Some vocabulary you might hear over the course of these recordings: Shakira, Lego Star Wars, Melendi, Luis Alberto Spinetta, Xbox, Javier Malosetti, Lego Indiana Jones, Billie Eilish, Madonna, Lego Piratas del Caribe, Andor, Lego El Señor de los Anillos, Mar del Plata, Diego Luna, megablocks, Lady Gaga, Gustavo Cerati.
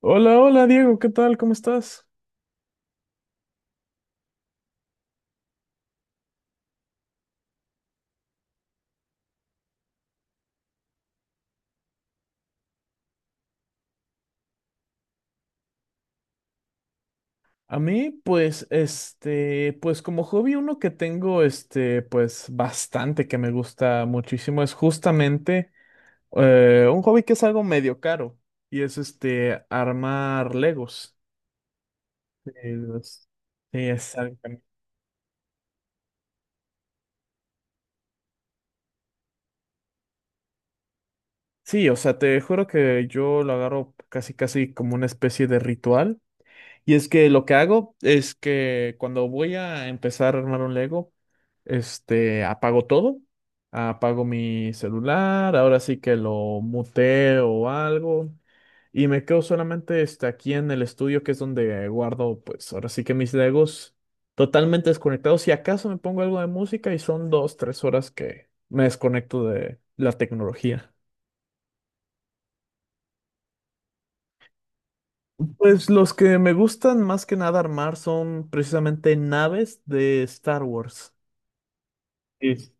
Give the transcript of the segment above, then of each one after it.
Hola, hola Diego, ¿qué tal? ¿Cómo estás? A mí, pues, pues como hobby uno que tengo, pues bastante que me gusta muchísimo es justamente un hobby que es algo medio caro y es armar Legos. Eh, los- Sí. Sí, o sea, te juro que yo lo agarro casi casi como una especie de ritual. Y es que lo que hago es que cuando voy a empezar a armar un Lego, apago todo, apago mi celular, ahora sí que lo muteo o algo, y me quedo solamente aquí en el estudio, que es donde guardo, pues ahora sí que mis Legos totalmente desconectados. Si acaso me pongo algo de música y son dos, tres horas que me desconecto de la tecnología. Pues los que me gustan más que nada armar son precisamente naves de Star Wars. Y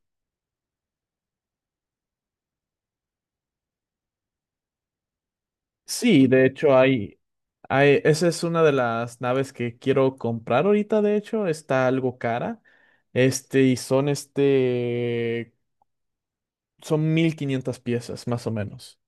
sí, de hecho hay, esa es una de las naves que quiero comprar ahorita, de hecho, está algo cara. Y son son 1.500 piezas, más o menos.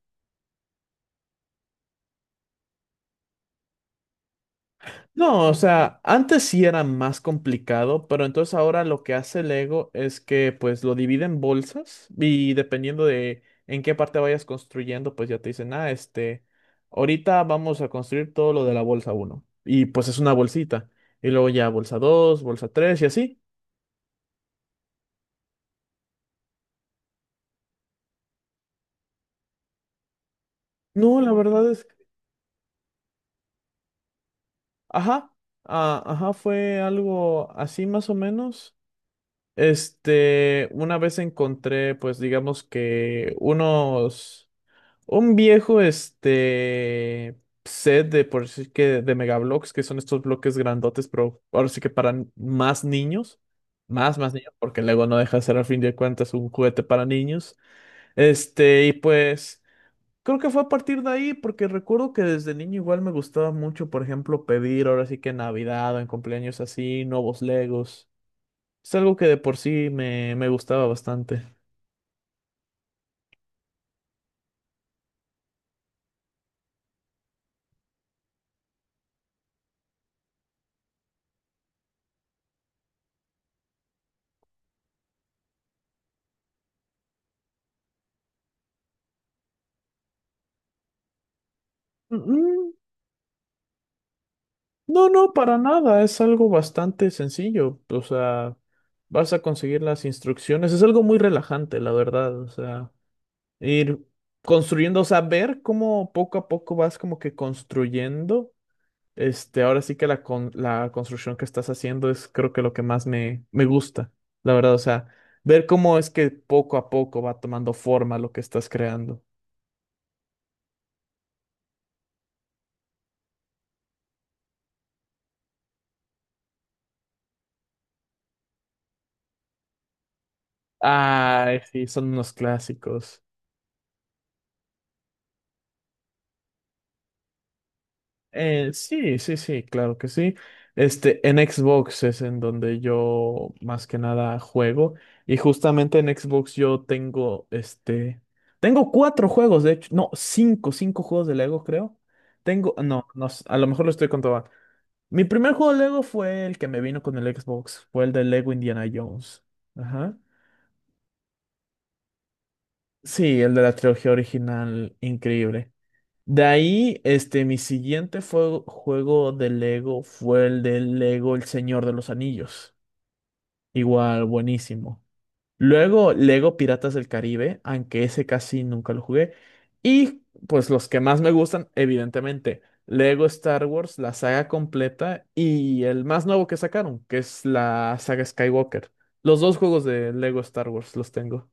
No, o sea, antes sí era más complicado, pero entonces ahora lo que hace Lego es que pues lo divide en bolsas y dependiendo de en qué parte vayas construyendo, pues ya te dicen, ahorita vamos a construir todo lo de la bolsa uno y pues es una bolsita. Y luego ya bolsa dos, bolsa tres y así. No, la verdad es, ajá, ajá, fue algo así más o menos. Una vez encontré, pues digamos que unos... Un viejo, set de por sí que de megablocks, que son estos bloques grandotes, pero ahora sí que para más niños, más niños, porque Lego no deja de ser al fin de cuentas un juguete para niños. Y pues creo que fue a partir de ahí, porque recuerdo que desde niño igual me gustaba mucho, por ejemplo, pedir ahora sí que en Navidad o en cumpleaños así, nuevos Legos. Es algo que de por sí me gustaba bastante. No, no, para nada, es algo bastante sencillo, o sea, vas a conseguir las instrucciones, es algo muy relajante, la verdad, o sea, ir construyendo, o sea, ver cómo poco a poco vas como que construyendo, ahora sí que la construcción que estás haciendo es creo que lo que más me gusta, la verdad, o sea, ver cómo es que poco a poco va tomando forma lo que estás creando. Ay, sí, son unos clásicos. Sí, sí, sí, claro que sí. En Xbox es en donde yo más que nada juego. Y justamente en Xbox yo tengo cuatro juegos, de hecho, no, cinco juegos de Lego, creo. Tengo, no, no, a lo mejor lo estoy contando mal. Mi primer juego de Lego fue el que me vino con el Xbox, fue el de Lego Indiana Jones. Ajá. Sí, el de la trilogía original, increíble. De ahí, mi siguiente juego de Lego fue el de Lego El Señor de los Anillos. Igual, buenísimo. Luego, Lego Piratas del Caribe, aunque ese casi nunca lo jugué. Y pues los que más me gustan, evidentemente, Lego Star Wars, la saga completa y el más nuevo que sacaron, que es la saga Skywalker. Los dos juegos de Lego Star Wars los tengo.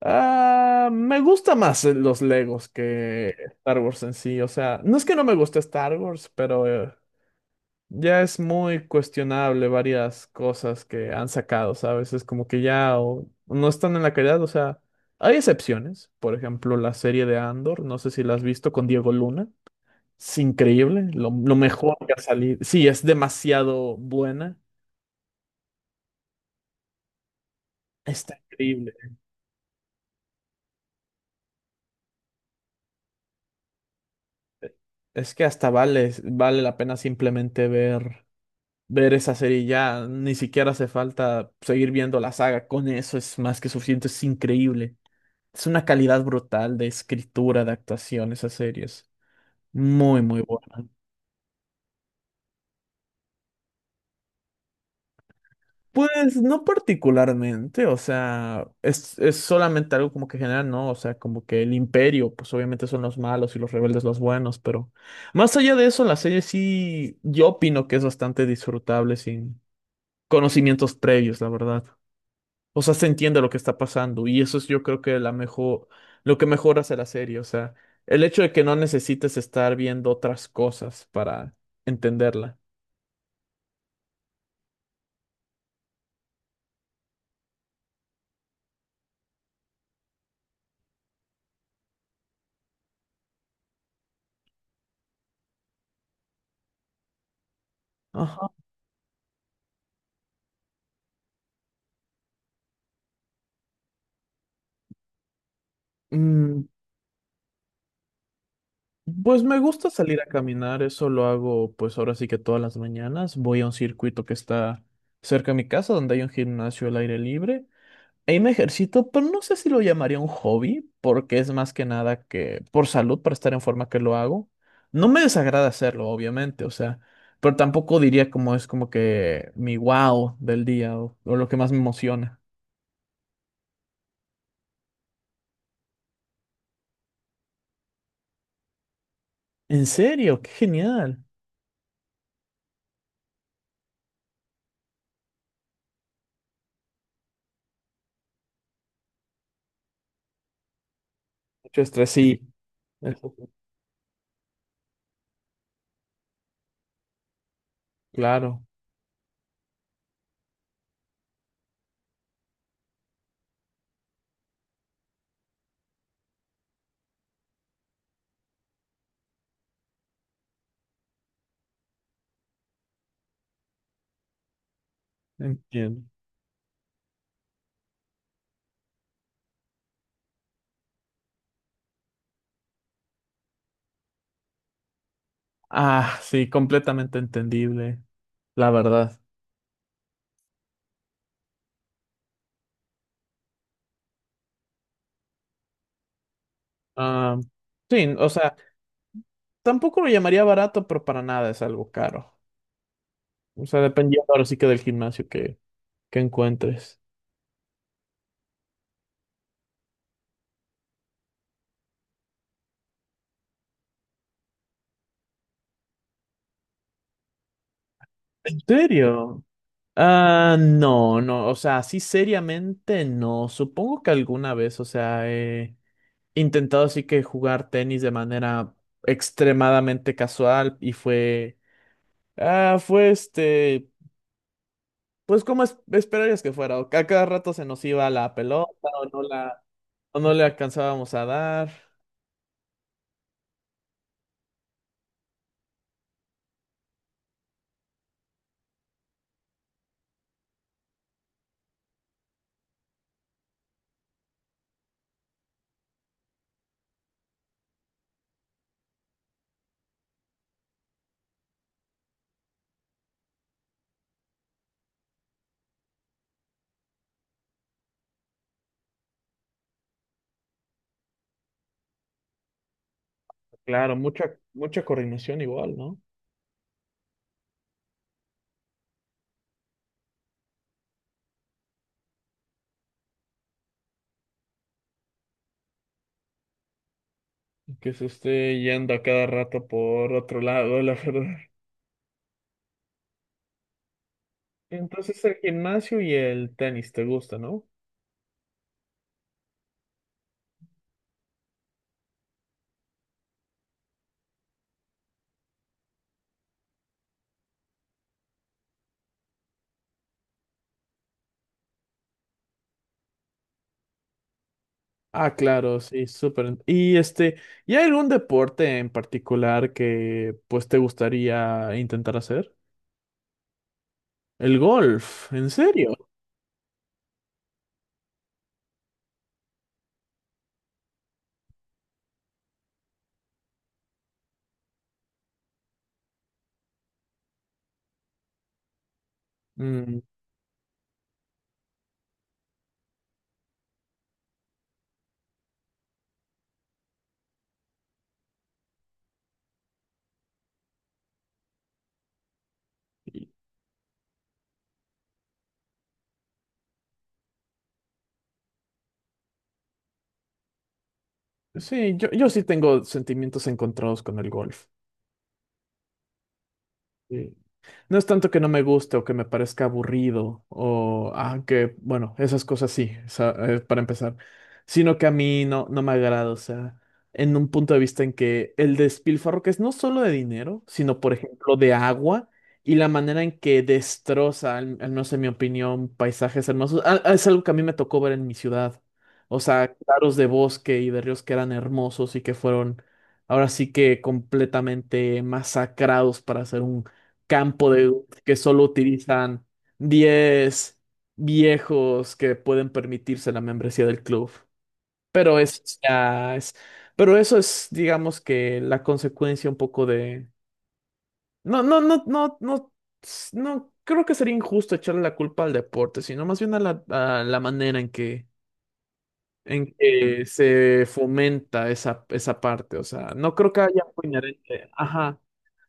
Ah, me gusta más los Legos que Star Wars en sí. O sea, no es que no me guste Star Wars, pero ya es muy cuestionable varias cosas que han sacado, ¿sabes? Es como que ya o no están en la calidad. O sea, hay excepciones. Por ejemplo, la serie de Andor, no sé si la has visto con Diego Luna. Es increíble, lo mejor que ha salido. Sí, es demasiado buena. Está increíble. Es que hasta vale la pena simplemente ver. Ver esa serie ya, ni siquiera hace falta seguir viendo la saga, con eso es más que suficiente, es increíble. Es una calidad brutal de escritura, de actuación, esas series. Muy, muy buena. Pues no particularmente, o sea, es solamente algo como que general, ¿no? O sea, como que el imperio, pues obviamente son los malos y los rebeldes los buenos, pero más allá de eso, la serie sí, yo opino que es bastante disfrutable sin conocimientos previos, la verdad. O sea, se entiende lo que está pasando y eso es yo creo que la mejor, lo que mejor hace la serie, o sea, el hecho de que no necesites estar viendo otras cosas para entenderla. Ajá. Mm, pues me gusta salir a caminar, eso lo hago pues ahora sí que todas las mañanas, voy a un circuito que está cerca de mi casa donde hay un gimnasio al aire libre. Ahí me ejercito, pero no sé si lo llamaría un hobby, porque es más que nada que por salud, para estar en forma que lo hago. No me desagrada hacerlo, obviamente, o sea, pero tampoco diría como es como que mi wow del día o lo que más me emociona. En serio, qué genial. Mucho estrés, sí. Eso, claro, entiendo. Ah, sí, completamente entendible, la verdad. Ah, sí, o sea, tampoco lo llamaría barato, pero para nada es algo caro. O sea, dependiendo ahora sí que del gimnasio que encuentres. ¿En serio? Ah, no, no, o sea, así seriamente no. Supongo que alguna vez, o sea, he intentado así que jugar tenis de manera extremadamente casual y fue, pues como esperarías que fuera, o que a cada rato se nos iba la pelota o no la, o no le alcanzábamos a dar. Claro, mucha, mucha coordinación igual, ¿no? Que se esté yendo a cada rato por otro lado, la verdad. Entonces el gimnasio y el tenis te gusta, ¿no? Ah, claro, sí, súper. ¿Y hay algún deporte en particular que pues te gustaría intentar hacer? El golf, ¿en serio? Mm, y- sí, yo sí tengo sentimientos encontrados con el golf. No es tanto que no me guste o que me parezca aburrido o que, bueno, esas cosas sí, para empezar, sino que a mí no, no me agrada, o sea, en un punto de vista en que el despilfarro que es no solo de dinero, sino por ejemplo de agua y la manera en que destroza, al menos en mi opinión, paisajes hermosos. Es algo que a mí me tocó ver en mi ciudad, o sea, claros de bosque y de ríos que eran hermosos y que fueron ahora sí que completamente masacrados para hacer un campo de que solo utilizan 10 viejos que pueden permitirse la membresía del club. Pero eso ya es, pero eso es, digamos que la consecuencia un poco de... No, no, no, no, no, no, creo que sería injusto echarle la culpa al deporte, sino más bien a la manera en que se fomenta esa parte. O sea, no creo que haya algo inherente. Ajá.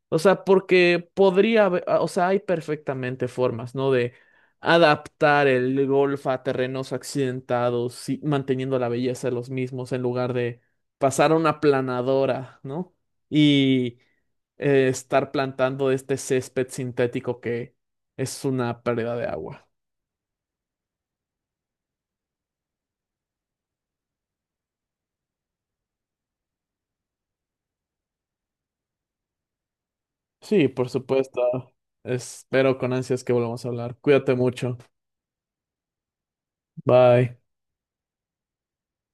O sea, porque podría haber, o sea, hay perfectamente formas, ¿no? De adaptar el golf a terrenos accidentados y manteniendo la belleza de los mismos en lugar de pasar a una planadora, ¿no? Y estar plantando este césped sintético que es una pérdida de agua. Sí, por supuesto. Espero con ansias que volvamos a hablar. Cuídate mucho. Bye.